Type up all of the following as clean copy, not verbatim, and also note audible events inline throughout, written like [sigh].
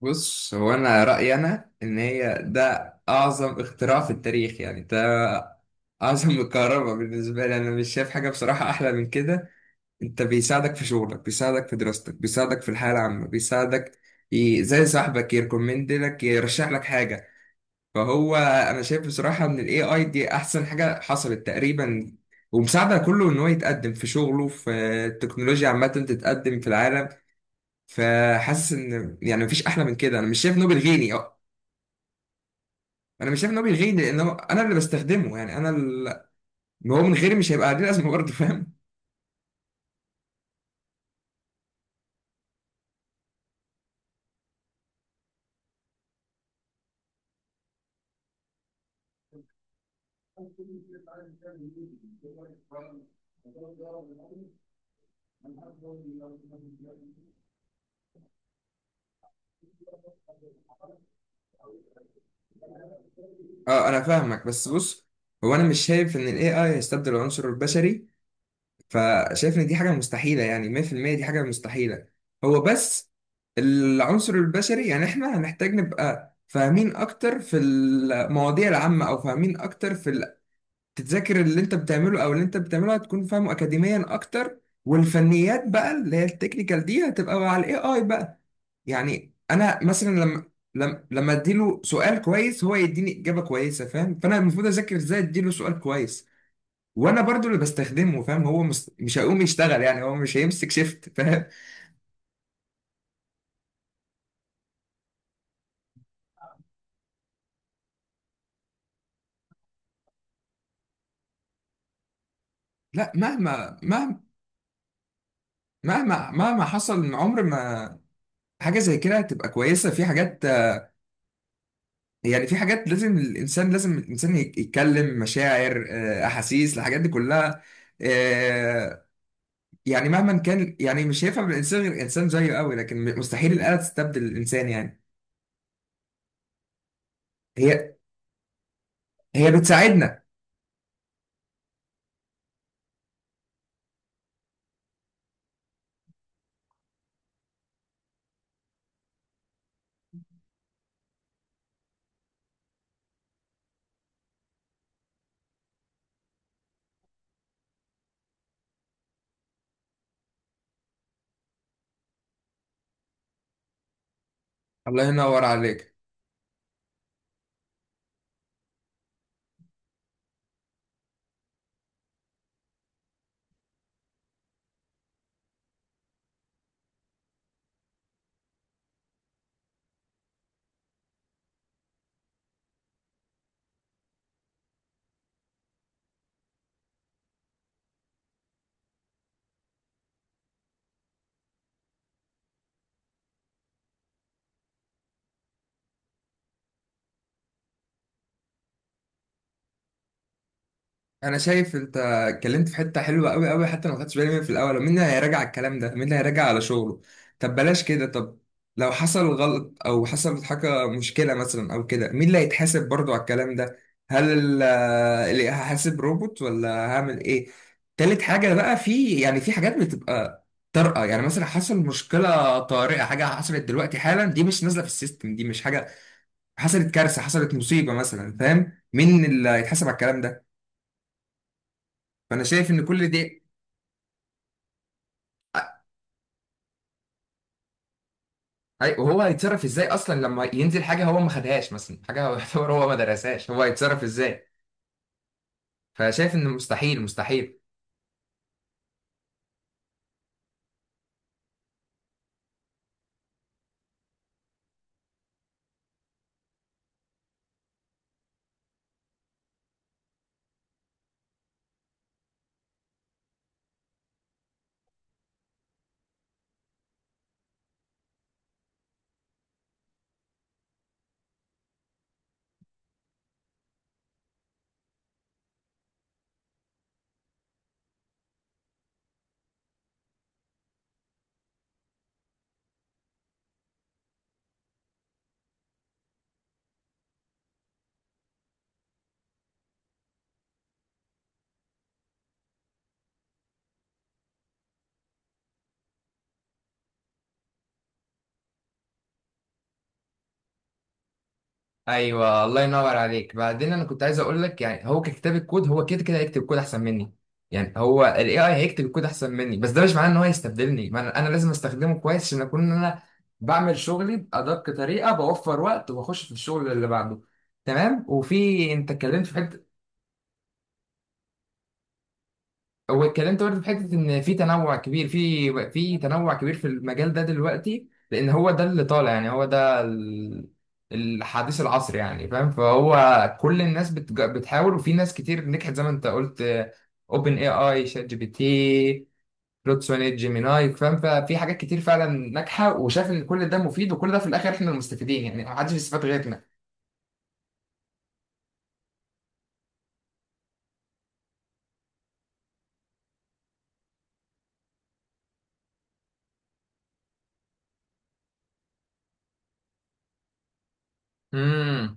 بص، هو انا رايي انا ان هي ده اعظم اختراع في التاريخ. يعني ده اعظم [laughs] من الكهرباء. بالنسبه لي انا مش شايف حاجه بصراحه احلى من كده. انت بيساعدك في شغلك، بيساعدك في دراستك، بيساعدك في الحياه العامه، بيساعدك زي صاحبك يركومند لك، يرشح لك حاجه. فهو انا شايف بصراحه ان الاي اي دي احسن حاجه حصلت تقريبا، ومساعده كله ان هو يتقدم في شغله، في التكنولوجيا عامه تتقدم في العالم. فحاسس ان يعني مفيش احلى من كده. انا مش شايف نوبل غني. انا مش شايف ان هو بيلغيني، لان هو انا اللي بستخدمه. يعني انا اللي هو من غيري مش هيبقى ليه لازمه برضه، فاهم. اه انا فاهمك، بس بص، هو انا مش شايف ان الاي اي هيستبدل العنصر البشري. فشايف ان دي حاجه مستحيله، يعني 100% دي حاجه مستحيله. هو بس العنصر البشري، يعني احنا هنحتاج نبقى فاهمين اكتر في المواضيع العامه، او فاهمين اكتر في تتذاكر اللي انت بتعمله. او اللي انت بتعمله هتكون فاهمه اكاديميا اكتر، والفنيات بقى اللي هي التكنيكال دي هتبقى مع الاي اي بقى. يعني انا مثلا لما اديله سؤال كويس هو يديني اجابه كويسه، فاهم؟ فانا المفروض اذاكر ازاي اديله سؤال كويس. وانا برضو اللي بستخدمه، فاهم، هو مش هيقوم يشتغل، يعني هو مش هيمسك شيفت، فاهم. لا، مهما حصل من عمر ما، حاجه زي كده هتبقى كويسه في حاجات. يعني في حاجات لازم الانسان، لازم الانسان يتكلم مشاعر، احاسيس، الحاجات دي كلها. آه، يعني مهما كان، يعني مش هيفهم الانسان غير انسان زيه قوي، لكن مستحيل الاله تستبدل الانسان يعني. هي هي بتساعدنا. الله ينور عليك. انا شايف انت اتكلمت في حته حلوه قوي قوي، حتى لو ما خدتش بالي منها في الاول. مين اللي هيراجع الكلام ده؟ مين اللي هيراجع على شغله؟ طب بلاش كده. طب لو حصل غلط او حصلت حاجه مشكله مثلا او كده، مين اللي هيتحاسب برضو على الكلام ده؟ هل اللي هحاسب روبوت، ولا هعمل ايه؟ تالت حاجه بقى، في يعني في حاجات بتبقى طارئه. يعني مثلا حصل مشكله طارئه، حاجه حصلت دلوقتي حالا، دي مش نازله في السيستم، دي مش حاجه حصلت. كارثه حصلت، مصيبه مثلا، فاهم؟ مين اللي هيتحاسب على الكلام ده؟ فانا شايف ان كل دي وهو هيتصرف ازاي اصلا لما ينزل حاجه هو ما خدهاش، مثلا حاجه هو [laughs] يعتبر هو ما درسهاش، هو هيتصرف ازاي؟ فشايف ان مستحيل، مستحيل. ايوه، الله ينور عليك. بعدين انا كنت عايز اقول لك، يعني هو ككتاب الكود هو كده كده هيكتب كود احسن مني. يعني هو الاي اي هيكتب الكود احسن مني، بس ده مش معناه ان هو هيستبدلني. ما انا أنا لازم استخدمه كويس عشان اكون إن انا بعمل شغلي بادق طريقه، بوفر وقت وبخش في الشغل اللي بعده، تمام؟ وفي انت اتكلمت في حته، واتكلمت برضه في حته ان في تنوع كبير في في تنوع كبير في المجال ده دلوقتي، لان هو ده اللي طالع. يعني هو ده الحديث العصر يعني، فاهم؟ فهو كل الناس بتحاول، وفي ناس كتير نجحت زي ما انت قلت. اوبن اي اي، شات جي بي تي، بلوتسوني، جيميناي، فاهم؟ ففي حاجات كتير فعلا ناجحه، وشاف ان كل ده مفيد، وكل ده في الاخر احنا المستفيدين يعني، محدش بيستفاد غيرنا.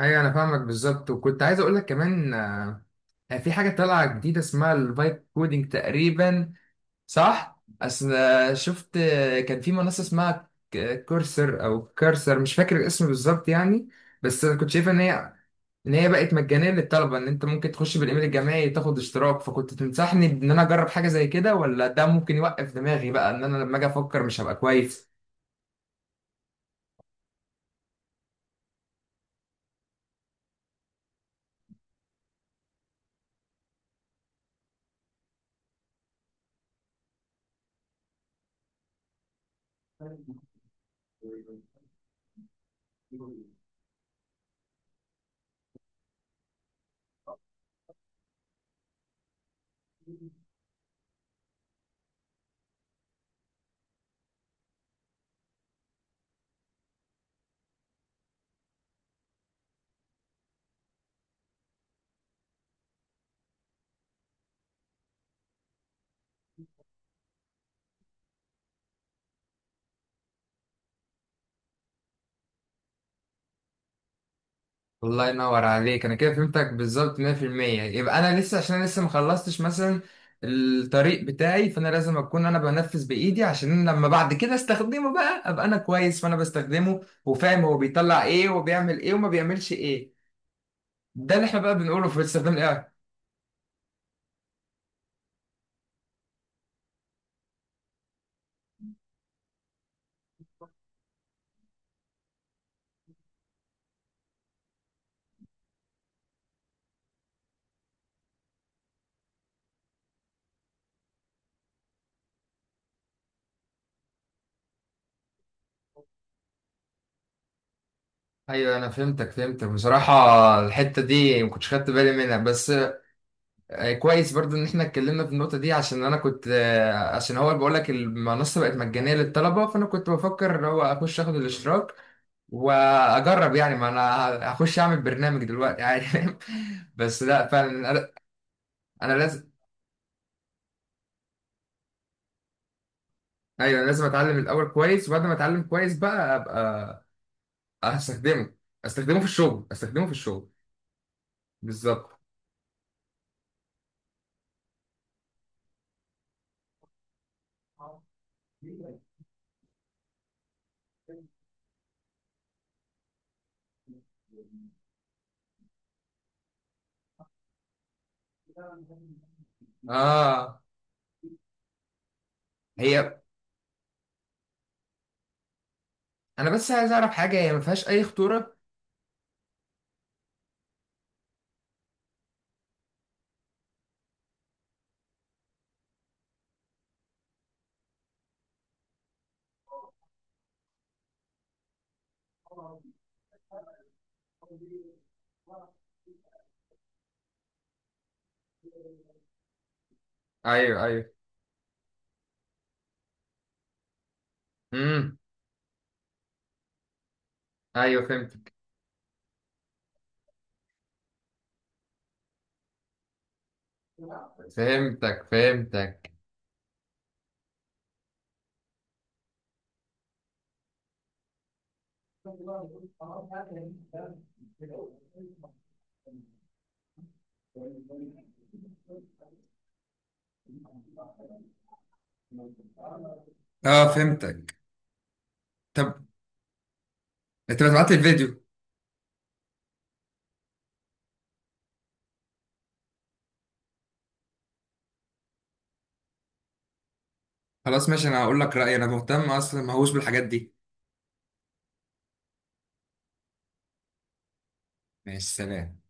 ايوه انا فاهمك بالظبط. وكنت عايز اقول لك كمان، في حاجه طالعه جديده اسمها الفايب كودينج تقريبا، صح؟ اصل شفت، كان في منصه اسمها كورسر او كارسر، مش فاكر الاسم بالظبط يعني. بس انا كنت شايفه ان هي بقت مجانيه للطلبه، ان انت ممكن تخش بالايميل الجامعي تاخد اشتراك. فكنت تنصحني ان انا اجرب حاجه زي كده، ولا ده ممكن يوقف دماغي بقى ان انا لما اجي افكر مش هبقى كويس؟ الله ينور عليك، انا كده فهمتك بالظبط 100%. يبقى انا لسه، عشان انا لسه ما خلصتش مثلا الطريق بتاعي، فانا لازم اكون انا بنفذ بايدي، عشان لما بعد كده استخدمه بقى ابقى انا كويس. فانا بستخدمه وفاهم هو بيطلع ايه وبيعمل ايه وما بيعملش ايه. ده اللي احنا بقى بنقوله في استخدام الاي. ايوه انا فهمتك بصراحه. الحته دي ما كنتش خدت بالي منها، بس كويس برضو ان احنا اتكلمنا في النقطة دي. عشان انا كنت، عشان هو بقول لك المنصة بقت مجانية للطلبة، فانا كنت بفكر ان هو اخش اخد الاشتراك واجرب. يعني ما انا هخش اعمل برنامج دلوقتي عادي، فاهم؟ [laughs] بس لا، فعلا انا أنا لازم ايوه أنا لازم اتعلم الاول كويس، وبعد ما اتعلم كويس بقى ابقى هستخدمه. استخدمه في الشغل، بالظبط، اه. هي انا بس عايز اعرف حاجة، هي ما فيهاش اي خطورة؟ ايوه، ايوه. امم، ايوه فهمتك فهمتك. اه فهمتك. طب انت بتبعت لي الفيديو؟ خلاص ماشي، انا هقول لك رأيي. انا مهتم اصلا، ما هوش بالحاجات دي. ماشي، سلام.